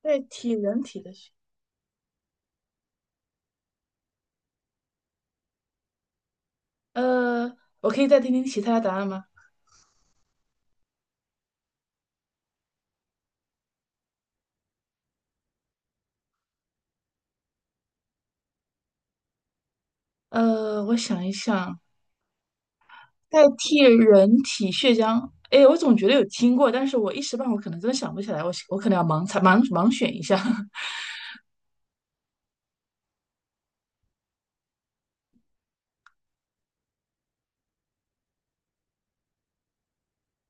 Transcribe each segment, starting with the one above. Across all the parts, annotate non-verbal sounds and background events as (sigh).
代替人体的血，呃，我可以再听听其他的答案吗？我想一想，代替人体血浆，哎，我总觉得有听过，但是我一时半会儿可能真的想不起来，我可能要盲猜盲选一下 (laughs)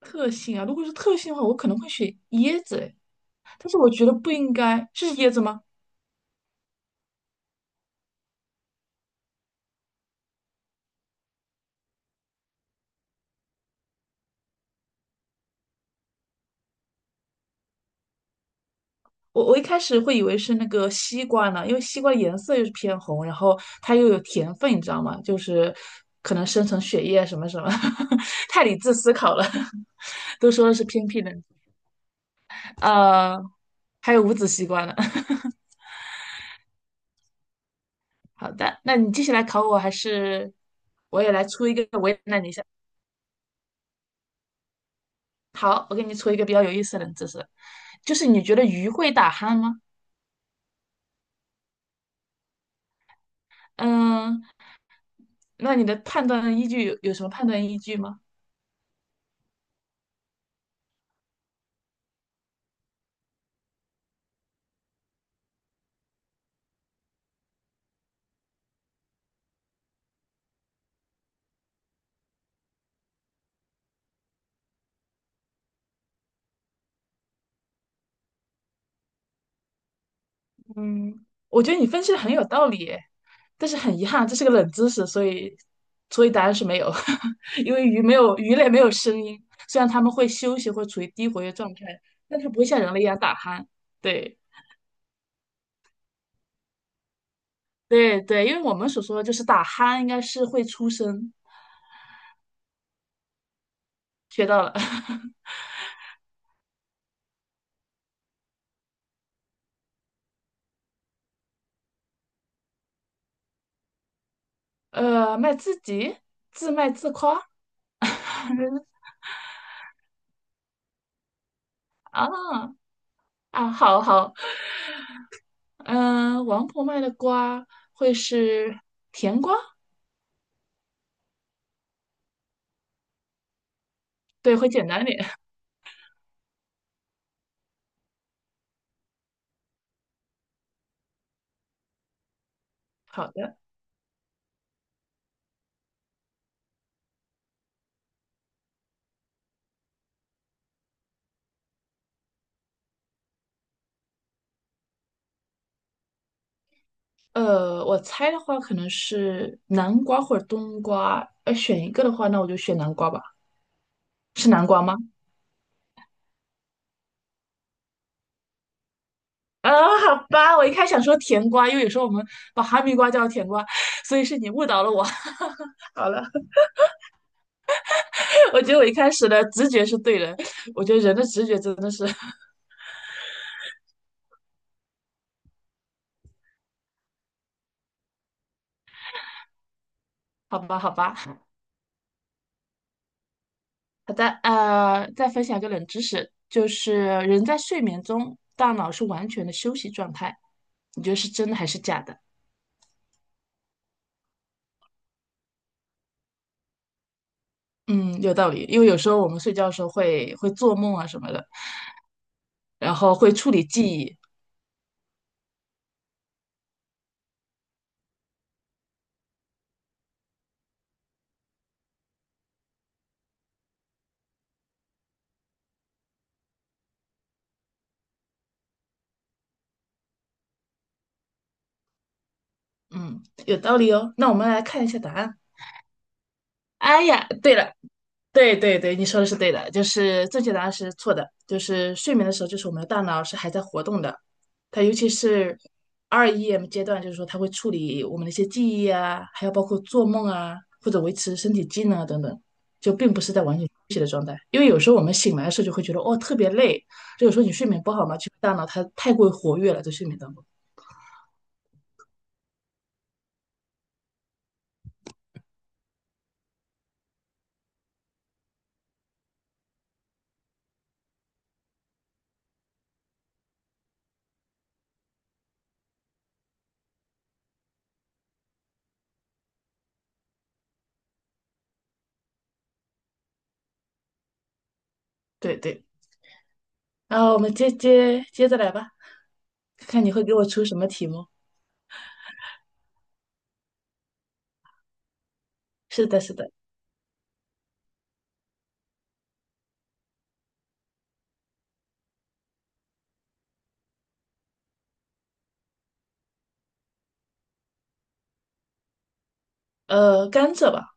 特性啊。如果是特性的话，我可能会选椰子哎，诶但是我觉得不应该是椰子吗？我一开始会以为是那个西瓜呢，因为西瓜颜色又是偏红，然后它又有甜分，你知道吗？就是可能生成血液啊什么什么，(laughs) 太理智思考了，(laughs) 都说的是偏僻的，呃，还有无籽西瓜呢。(laughs) 好的，那你接下来考我，还是我也来出一个为难你一下。好，我给你出一个比较有意思的冷知识，就是你觉得鱼会打鼾吗？嗯，那你的判断依据有什么判断依据吗？嗯，我觉得你分析的很有道理耶，但是很遗憾，这是个冷知识，所以答案是没有，(laughs) 因为鱼类没有声音，虽然它们会休息或处于低活跃状态，但它不会像人类一样打鼾。对对对，因为我们所说的就是打鼾，应该是会出声，学到了。(laughs) 卖自己，自卖自夸啊啊，好好，嗯，王婆卖的瓜会是甜瓜，对，会简单点。(laughs) 好的。我猜的话可能是南瓜或者冬瓜，要选一个的话，那我就选南瓜吧。是南瓜吗？啊，好吧，我一开始想说甜瓜，因为有时候我们把哈密瓜叫甜瓜，所以是你误导了我。(laughs) 好了，(laughs) 我觉得我一开始的直觉是对的，我觉得人的直觉真的是，(laughs) 好吧，好吧。好的，再分享一个冷知识，就是人在睡眠中，大脑是完全的休息状态，你觉得是真的还是假的？嗯，有道理，因为有时候我们睡觉的时候会做梦啊什么的，然后会处理记忆。嗯，有道理哦。那我们来看一下答案。哎呀，对了，对对对，你说的是对的，就是正确答案是错的，就是睡眠的时候，就是我们的大脑是还在活动的，它尤其是 REM 阶段，就是说它会处理我们的一些记忆啊，还有包括做梦啊，或者维持身体机能啊等等，就并不是在完全休息的状态。因为有时候我们醒来的时候就会觉得哦特别累，就个时候你睡眠不好嘛，就大脑它太过于活跃了，在睡眠当中。对对，然后我们接着来吧，看看你会给我出什么题目。是的，是的。甘蔗吧，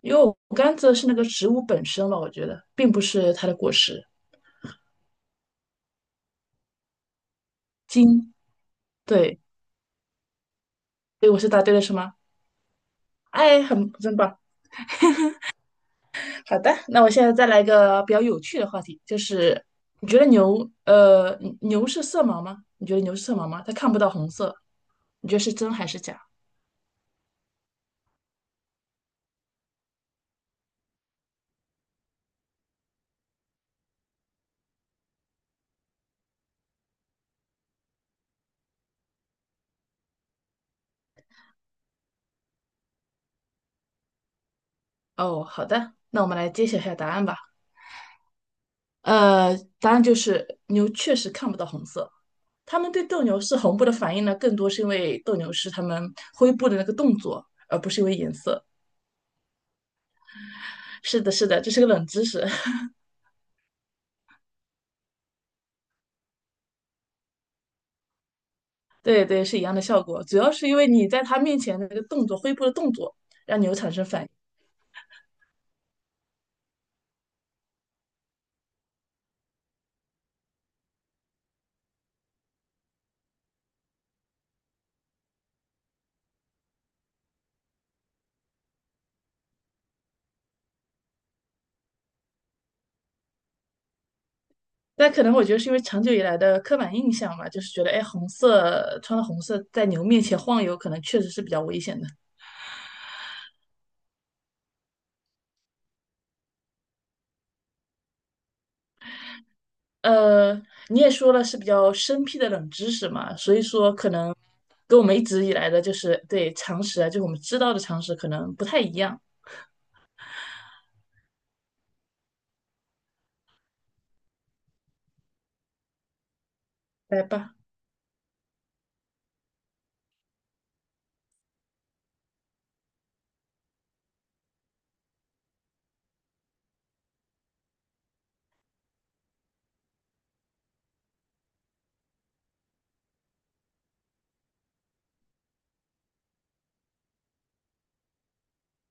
因为我甘蔗是那个植物本身嘛，我觉得并不是它的果实金，对，所以我是答对了，是吗？哎，很真棒。好的，那我现在再来一个比较有趣的话题，就是你觉得牛，牛是色盲吗？你觉得牛是色盲吗？它看不到红色，你觉得是真还是假？哦，好的，那我们来揭晓一下答案吧。答案就是牛确实看不到红色。他们对斗牛士红布的反应呢，更多是因为斗牛士他们挥布的那个动作，而不是因为颜色。是的，是的，这是个冷知识。(laughs) 对对，是一样的效果，主要是因为你在他面前的那个动作，挥布的动作，让牛产生反应。但可能我觉得是因为长久以来的刻板印象嘛，就是觉得哎，红色穿了红色在牛面前晃悠，可能确实是比较危险的。呃，你也说了是比较生僻的冷知识嘛，所以说可能跟我们一直以来的就是对常识啊，就我们知道的常识可能不太一样。来吧，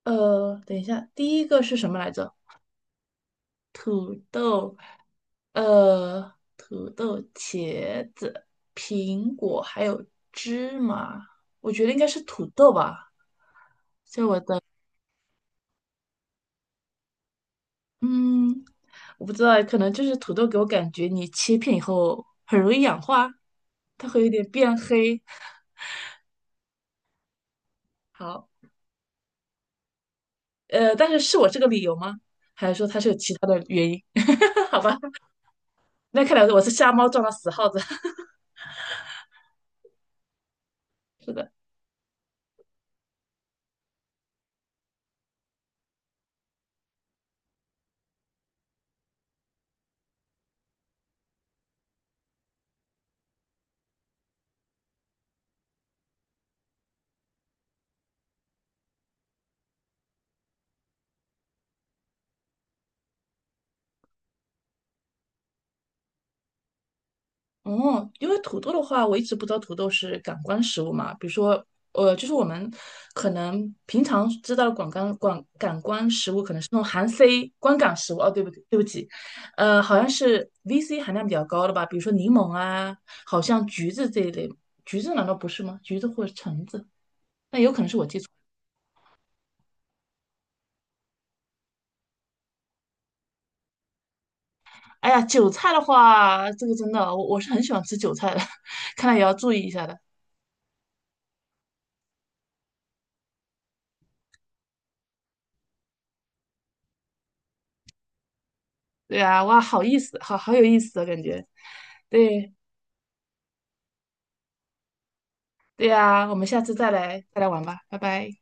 等一下，第一个是什么来着？土豆，土豆、茄子、苹果还有芝麻，我觉得应该是土豆吧。嗯，我不知道，可能就是土豆给我感觉你切片以后很容易氧化，它会有点变黑。好，但是是我这个理由吗？还是说它是有其他的原因？(laughs) 好吧，那看来我是瞎猫撞到死耗子。(laughs) 是的，哦，因为土豆的话，我一直不知道土豆是感官食物嘛。比如说，就是我们可能平常知道的广感官食物，可能是那种含 C 观感食物。哦，对不对？对不起，好像是 VC 含量比较高的吧，比如说柠檬啊，好像橘子这一类。橘子难道不是吗？橘子或者橙子，那有可能是我记错。哎呀，韭菜的话，这个真的，我是很喜欢吃韭菜的，(laughs) 看来也要注意一下的。对呀，哇，好意思，好好有意思的感觉。对对呀，我们下次再来玩吧，拜拜。